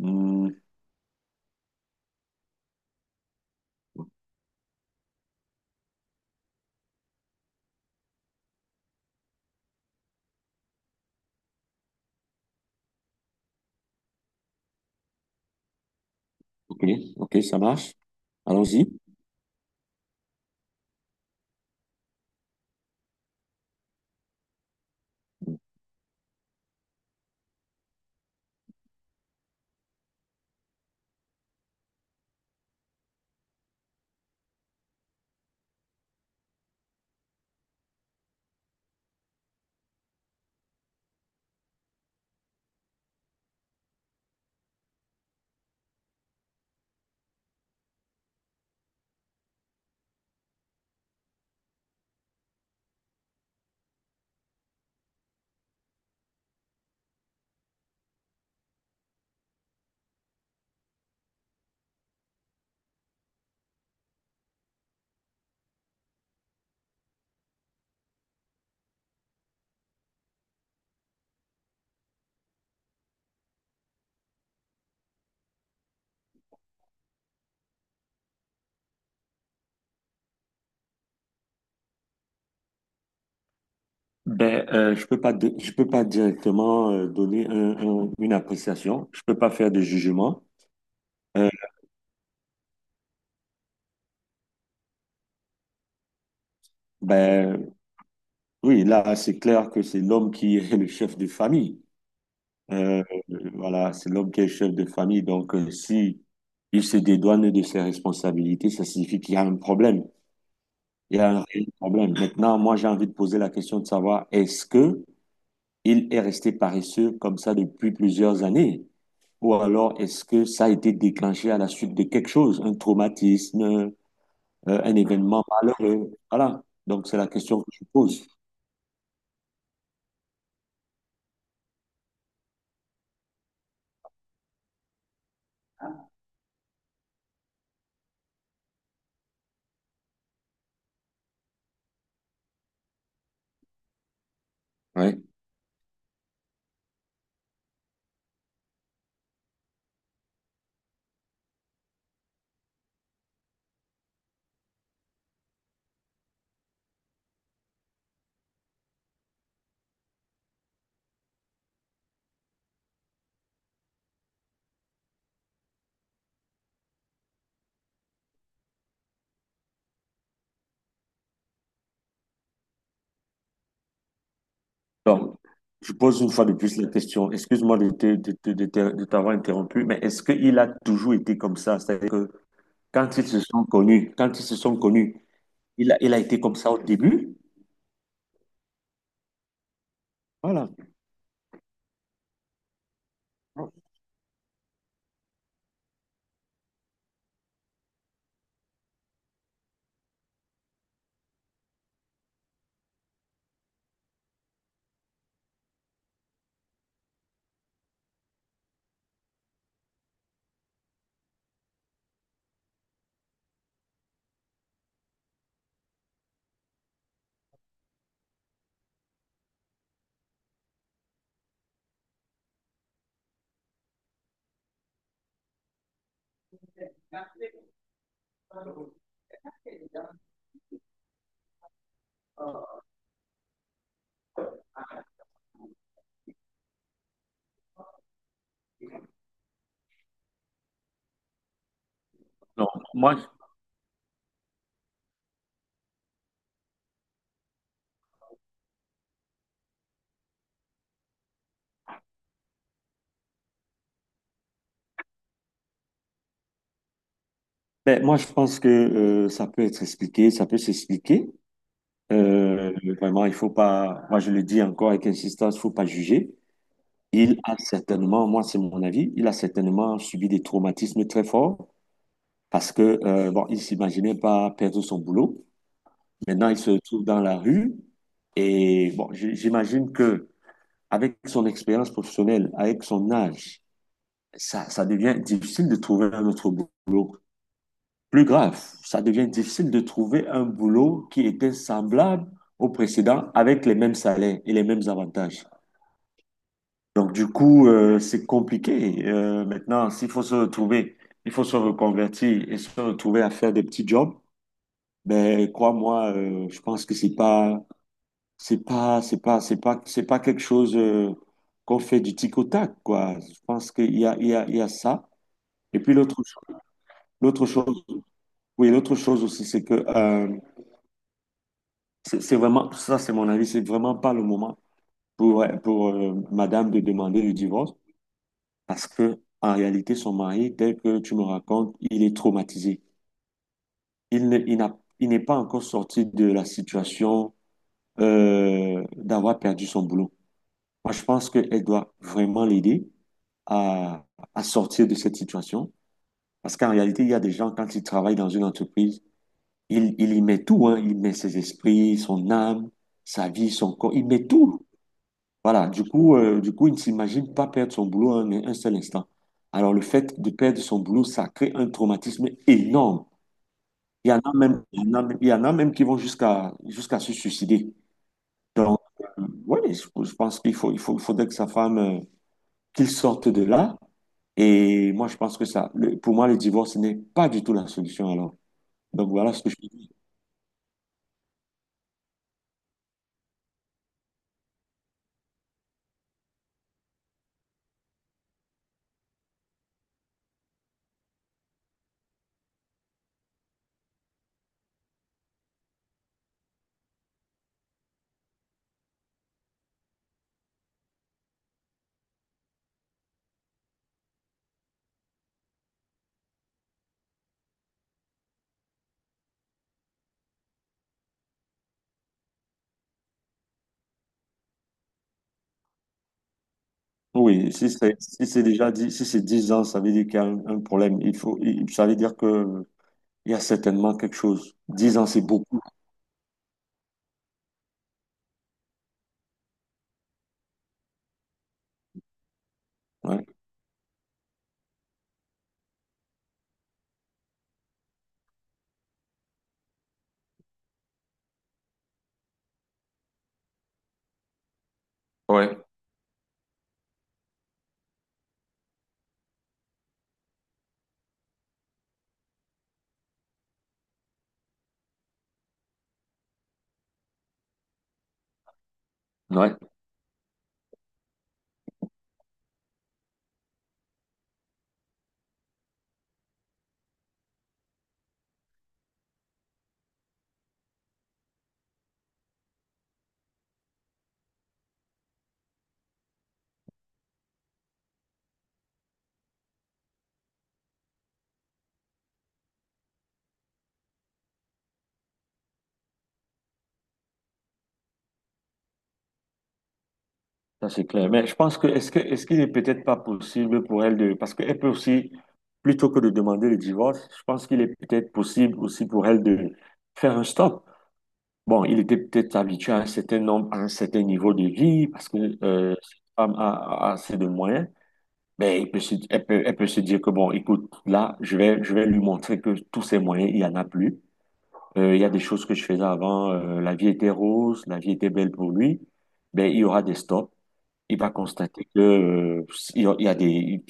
Hmm, ok, ok, ça marche. Allons-y. Ben, je peux pas, je peux pas directement donner une appréciation. Je peux pas faire de jugement. Euh, ben, oui, là, c'est clair que c'est l'homme qui est le chef de famille. Euh, voilà, c'est l'homme qui est chef de famille. Donc, si il se dédouane de ses responsabilités, ça signifie qu'il y a un problème. Il y a un réel problème. Maintenant, moi, j'ai envie de poser la question de savoir est-ce que il est resté paresseux comme ça depuis plusieurs années? Ou alors, est-ce que ça a été déclenché à la suite de quelque chose, un traumatisme, un événement malheureux? Voilà. Donc, c'est la question que je pose. Ouais. Donc, je pose une fois de plus la question. Excuse-moi de t'avoir interrompu, mais est-ce qu'il a toujours été comme ça? C'est-à-dire que quand ils se sont connus, il a été comme ça au début? Voilà. Donc, ben, moi, je pense que ça peut être expliqué, ça peut s'expliquer. Euh, Vraiment, il faut pas, moi je le dis encore avec insistance, il faut pas juger. Il a certainement, moi c'est mon avis, il a certainement subi des traumatismes très forts parce que, bon, il s'imaginait pas perdre son boulot. Maintenant, il se retrouve dans la rue et bon, j'imagine que avec son expérience professionnelle, avec son âge, ça devient difficile de trouver un autre boulot. Plus grave, ça devient difficile de trouver un boulot qui était semblable au précédent avec les mêmes salaires et les mêmes avantages. Donc du coup, c'est compliqué. Maintenant, s'il faut se retrouver, il faut se reconvertir et se retrouver à faire des petits jobs. Ben crois-moi, je pense que c'est pas quelque chose qu'on fait du tic au tac, quoi. Je pense qu'il y a ça. Et puis l'autre chose, oui, l'autre chose aussi, c'est que c'est vraiment, ça c'est mon avis, c'est vraiment pas le moment pour madame de demander le divorce parce que en réalité, son mari, tel que tu me racontes, il est traumatisé. Il n'est pas encore sorti de la situation d'avoir perdu son boulot. Moi, je pense qu'elle doit vraiment l'aider à, à sortir de cette situation parce qu'en réalité, il y a des gens, quand ils travaillent dans une entreprise, il y met tout, hein. Il met ses esprits, son âme, sa vie, son corps, il met tout. Voilà, du coup, il ne s'imagine pas perdre son boulot un seul instant. Alors, le fait de perdre son boulot, ça crée un traumatisme énorme. Il y en a même, il y en a, Il y en a même qui vont jusqu'à se suicider. Donc, oui, je pense qu'il faudrait que sa femme, qu'il sorte de là. Et moi, je pense que pour moi, le divorce n'est pas du tout la solution alors. Donc, voilà ce que je dis. Oui, si c'est déjà dit, si c'est 10 ans, ça veut dire qu'il y a un problème. Ça veut dire que il y a certainement quelque chose. 10 ans, c'est beaucoup. Ouais. Ouais. Ouais, ça c'est clair. Mais je pense que est-ce qu'il n'est peut-être pas possible pour elle de parce qu'elle peut aussi plutôt que de demander le divorce, je pense qu'il est peut-être possible aussi pour elle de faire un stop. Bon, il était peut-être habitué à un certain nombre, à un certain niveau de vie parce que cette femme a assez de moyens. Mais elle peut se dire que bon, écoute, là, je vais lui montrer que tous ces moyens, il y en a plus. Il y a des choses que je faisais avant. La vie était rose, la vie était belle pour lui. Ben, il y aura des stops. Il va constater que, il y a des,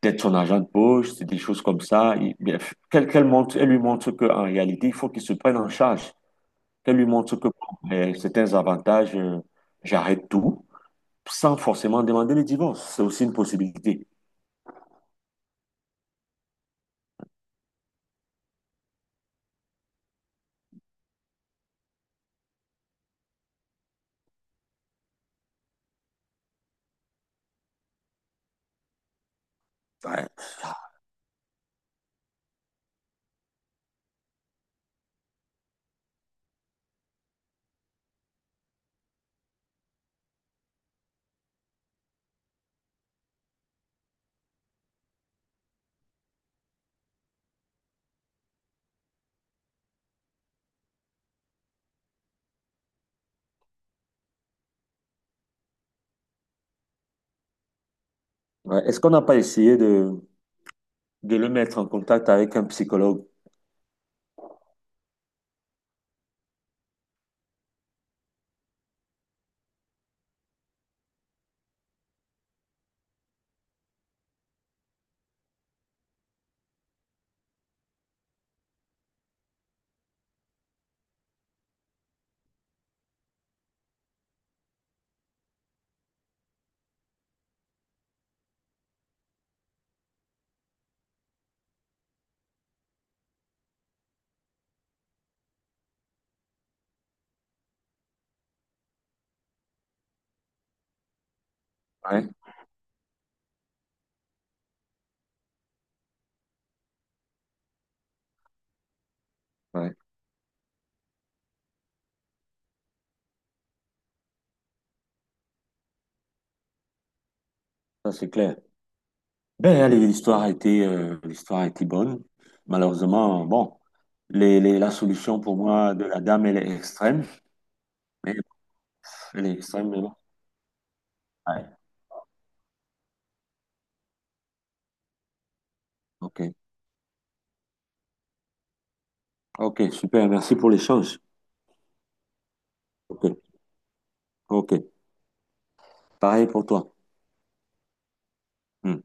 peut-être son argent de poche, c'est des choses comme ça. Bien, qu'elle montre, elle lui montre qu'en réalité, il faut qu'il se prenne en charge. Qu'elle lui montre que bon, ben, certains avantages, j'arrête tout, sans forcément demander le divorce. C'est aussi une possibilité. Ouais. Ouais. Est-ce qu'on n'a pas essayé de, le mettre en contact avec un psychologue. Ouais, ouais, ça c'est clair. Ben, allez, l'histoire a été bonne. Malheureusement, bon, la solution pour moi de la dame, elle est extrême. Mais elle est extrême, mais bon. Ouais, ok. Ok, super, merci pour l'échange. Ok, ok. Pareil pour toi. Hmm.